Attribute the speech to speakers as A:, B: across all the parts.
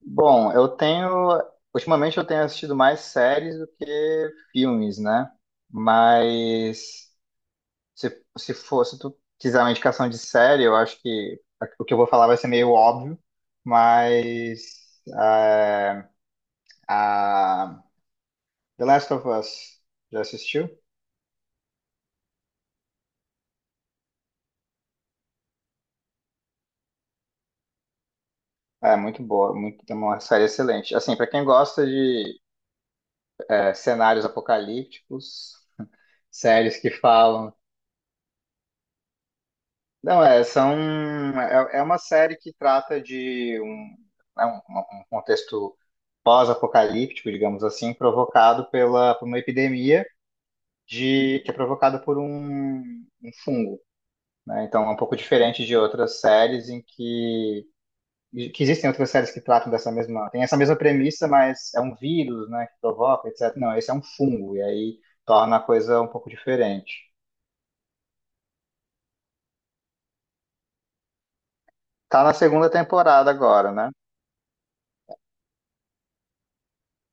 A: Bom, eu tenho. Ultimamente eu tenho assistido mais séries do que filmes, né? Mas se tu quiser uma indicação de série, eu acho que o que eu vou falar vai ser meio óbvio, mas é, a The Last of Us, já assistiu? É muito boa, muito, é uma série excelente. Assim, para quem gosta de cenários apocalípticos, séries que falam. Não, é, são, é uma série que trata de um contexto pós-apocalíptico, digamos assim, provocado por uma epidemia que é provocada por um fungo. Né? Então, é um pouco diferente de outras séries em que existem outras séries que tratam dessa mesma, tem essa mesma premissa, mas é um vírus, né, que provoca, etc. Não, esse é um fungo, e aí torna a coisa um pouco diferente. Tá na segunda temporada agora, né?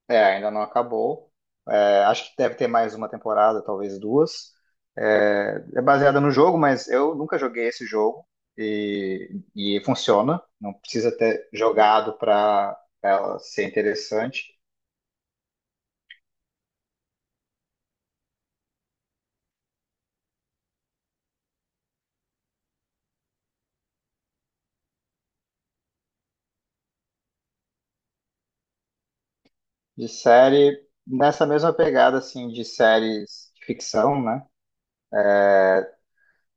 A: É, ainda não acabou. É, acho que deve ter mais uma temporada, talvez duas. É, é baseada no jogo, mas eu nunca joguei esse jogo e, e funciona. Não precisa ter jogado para ela ser interessante. De série, nessa mesma pegada assim de séries de ficção, né?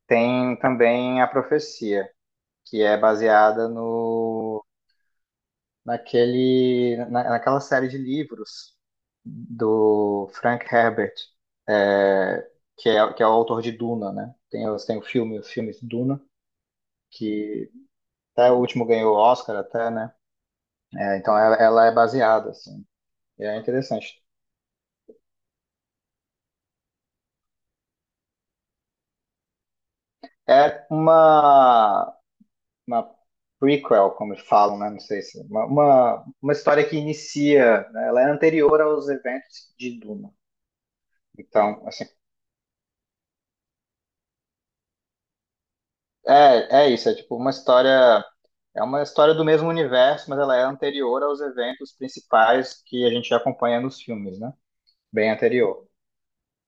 A: Tem também A Profecia, que é baseada no naquele, na- naquela série de livros do Frank Herbert, é, que é o autor de Duna, né? Tem o filme, os filmes Duna, que até o último ganhou o Oscar até, né? É, então ela é baseada, assim, e é interessante. É uma prequel, como eles falam, né? Não sei se. Uma história que inicia, né? Ela é anterior aos eventos de Duna. Então, assim, é isso, é tipo uma história, é uma história do mesmo universo, mas ela é anterior aos eventos principais que a gente já acompanha nos filmes, né? Bem anterior.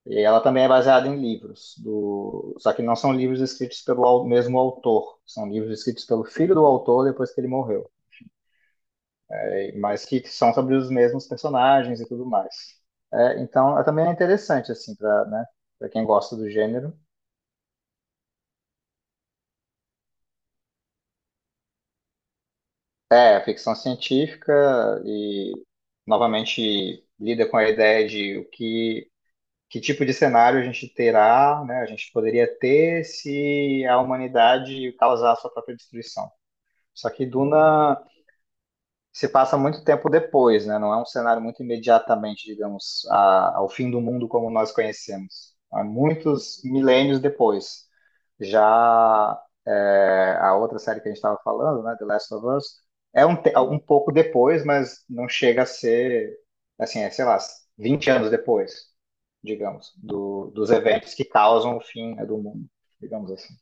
A: E ela também é baseada em livros, do. Só que não são livros escritos pelo mesmo autor, são livros escritos pelo filho do autor depois que ele morreu, mas que são sobre os mesmos personagens e tudo mais. É, então, é também é interessante, assim, para, né, para quem gosta do gênero. É, ficção científica e novamente lida com a ideia de o que, que tipo de cenário a gente terá, né? A gente poderia ter se a humanidade causar a sua própria destruição. Só que Duna se passa muito tempo depois, né? Não é um cenário muito imediatamente, digamos, ao fim do mundo como nós conhecemos. Há muitos milênios depois. Já é, a outra série que a gente estava falando, né, The Last of Us, é um pouco depois, mas não chega a ser, assim, é, sei lá, 20 anos depois, digamos, dos eventos que causam o fim, né, do mundo, digamos assim.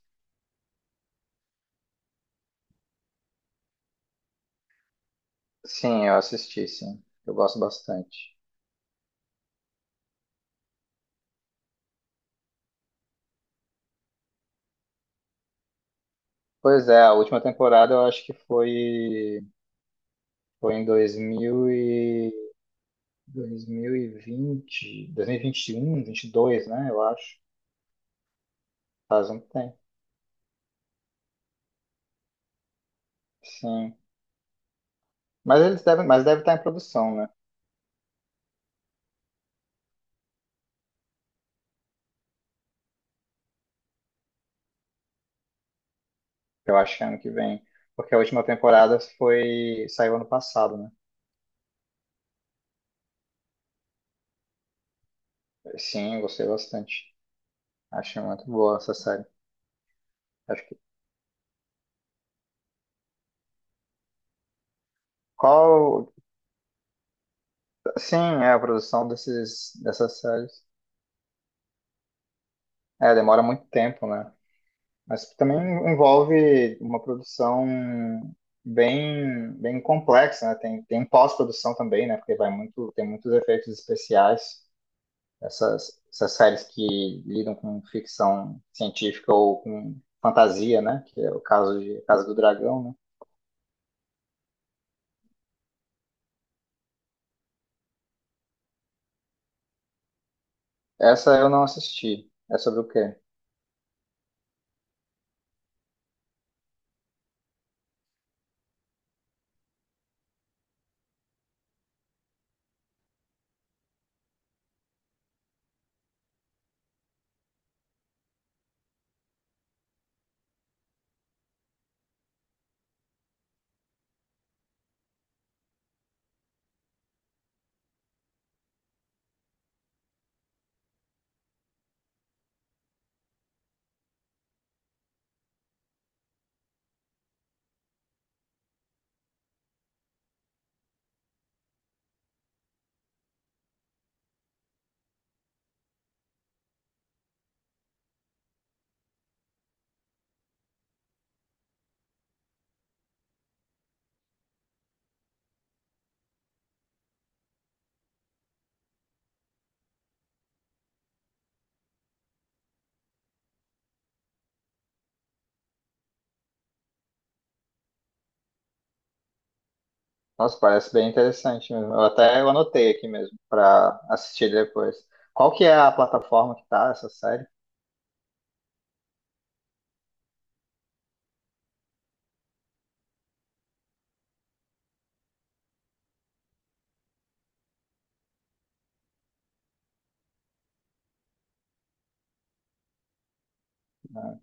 A: Sim, eu assisti, sim. Eu gosto bastante. Pois é, a última temporada eu acho que foi, foi em 2000 e, dois dois mil mil 2022, né? Eu acho. Faz um tempo, sim. Mas eles devem, mas deve estar em produção, né? Eu acho que é ano que vem. Porque a última temporada foi, saiu ano passado, né? Sim, gostei bastante. Achei muito boa essa série. Acho que qual, sim, é a produção desses, dessas séries. É, demora muito tempo, né? Mas que também envolve uma produção bem, bem complexa, né? Tem pós-produção também, né? Porque vai muito, tem muitos efeitos especiais. Essas séries que lidam com ficção científica ou com fantasia, né? Que é o caso de Casa do Dragão, né? Essa eu não assisti. É sobre o quê? Nossa, parece bem interessante mesmo. Eu anotei aqui mesmo para assistir depois. Qual que é a plataforma que tá essa série? Né?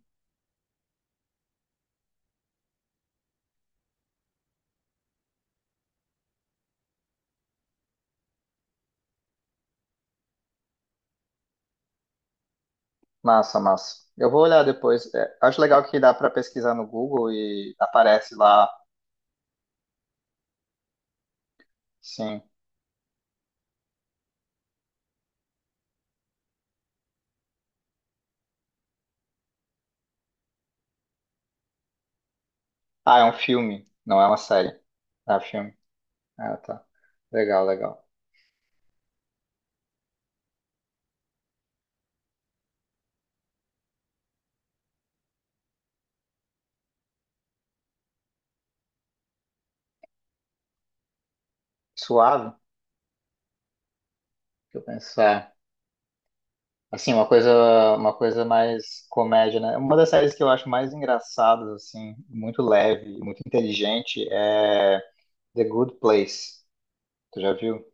A: Massa, massa. Eu vou olhar depois. É, acho legal que dá pra pesquisar no Google e aparece lá, sim. Ah, é um filme, não é uma série. Ah, filme. Ah, tá. Legal, legal. Suave, que eu pensar. É, assim, uma coisa mais comédia, né? Uma das séries que eu acho mais engraçadas, assim, muito leve, e muito inteligente, é The Good Place. Tu já viu?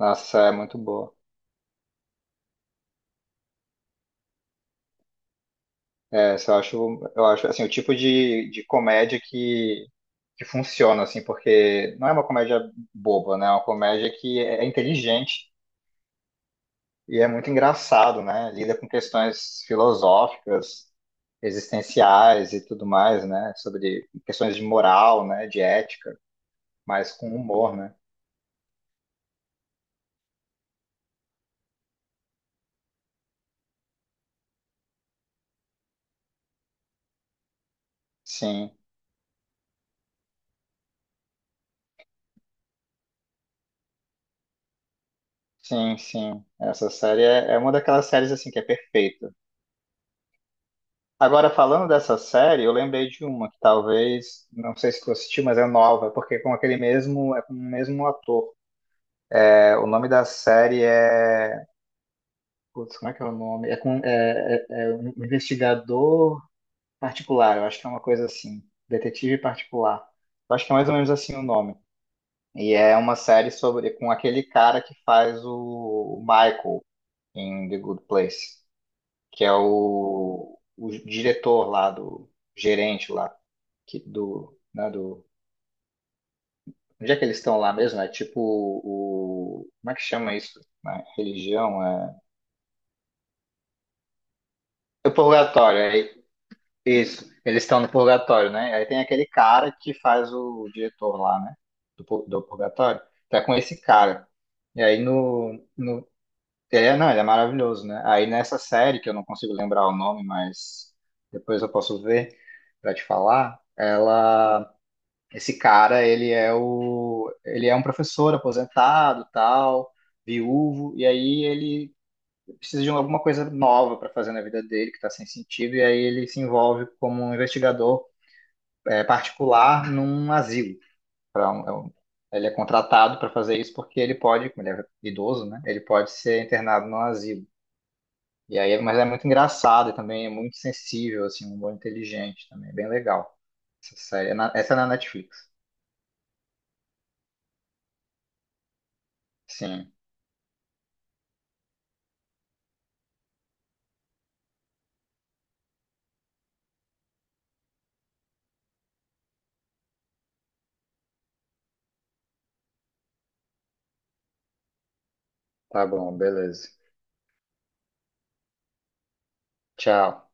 A: Nossa, é muito boa. Essa eu acho assim, o tipo de comédia que funciona, assim, porque não é uma comédia boba, né? É uma comédia que é inteligente e é muito engraçado, né? Lida com questões filosóficas, existenciais e tudo mais, né? Sobre questões de moral, né? De ética, mas com humor, né? Sim, sim, sim. Essa série é uma daquelas séries, assim, que é perfeita. Agora, falando dessa série, eu lembrei de uma que talvez, não sei se tu assistiu, mas é nova, porque é com o mesmo ator. É, o nome da série é. Putz, como é que é o nome? É com. É, é um investigador particular, eu acho que é uma coisa assim. Detetive particular. Eu acho que é mais ou menos assim o nome. E é uma série sobre. Com aquele cara que faz o Michael em The Good Place, que é o diretor lá do. Gerente lá. Que do, né, do, onde é que eles estão lá mesmo? É tipo o, como é que chama isso? Né? Religião, é o purgatório, é isso. Eles estão no purgatório, né? Aí tem aquele cara que faz o diretor lá, né? Do purgatório. Tá com esse cara. E aí ele é, não, ele é maravilhoso, né? Aí nessa série que eu não consigo lembrar o nome, mas depois eu posso ver pra te falar. Ela Esse cara, ele é um professor aposentado, tal, viúvo, e aí ele precisa de alguma coisa nova para fazer na vida dele, que está sem sentido, e aí ele se envolve como um investigador particular num asilo. Pra um- é um- ele é contratado para fazer isso porque ele pode, como ele é idoso, né? Ele pode ser internado num asilo. E aí, mas é muito engraçado e também é muito sensível, assim, um humor inteligente também, é bem legal. Essa série, essa é na Netflix. Sim, tá bom, beleza. Tchau.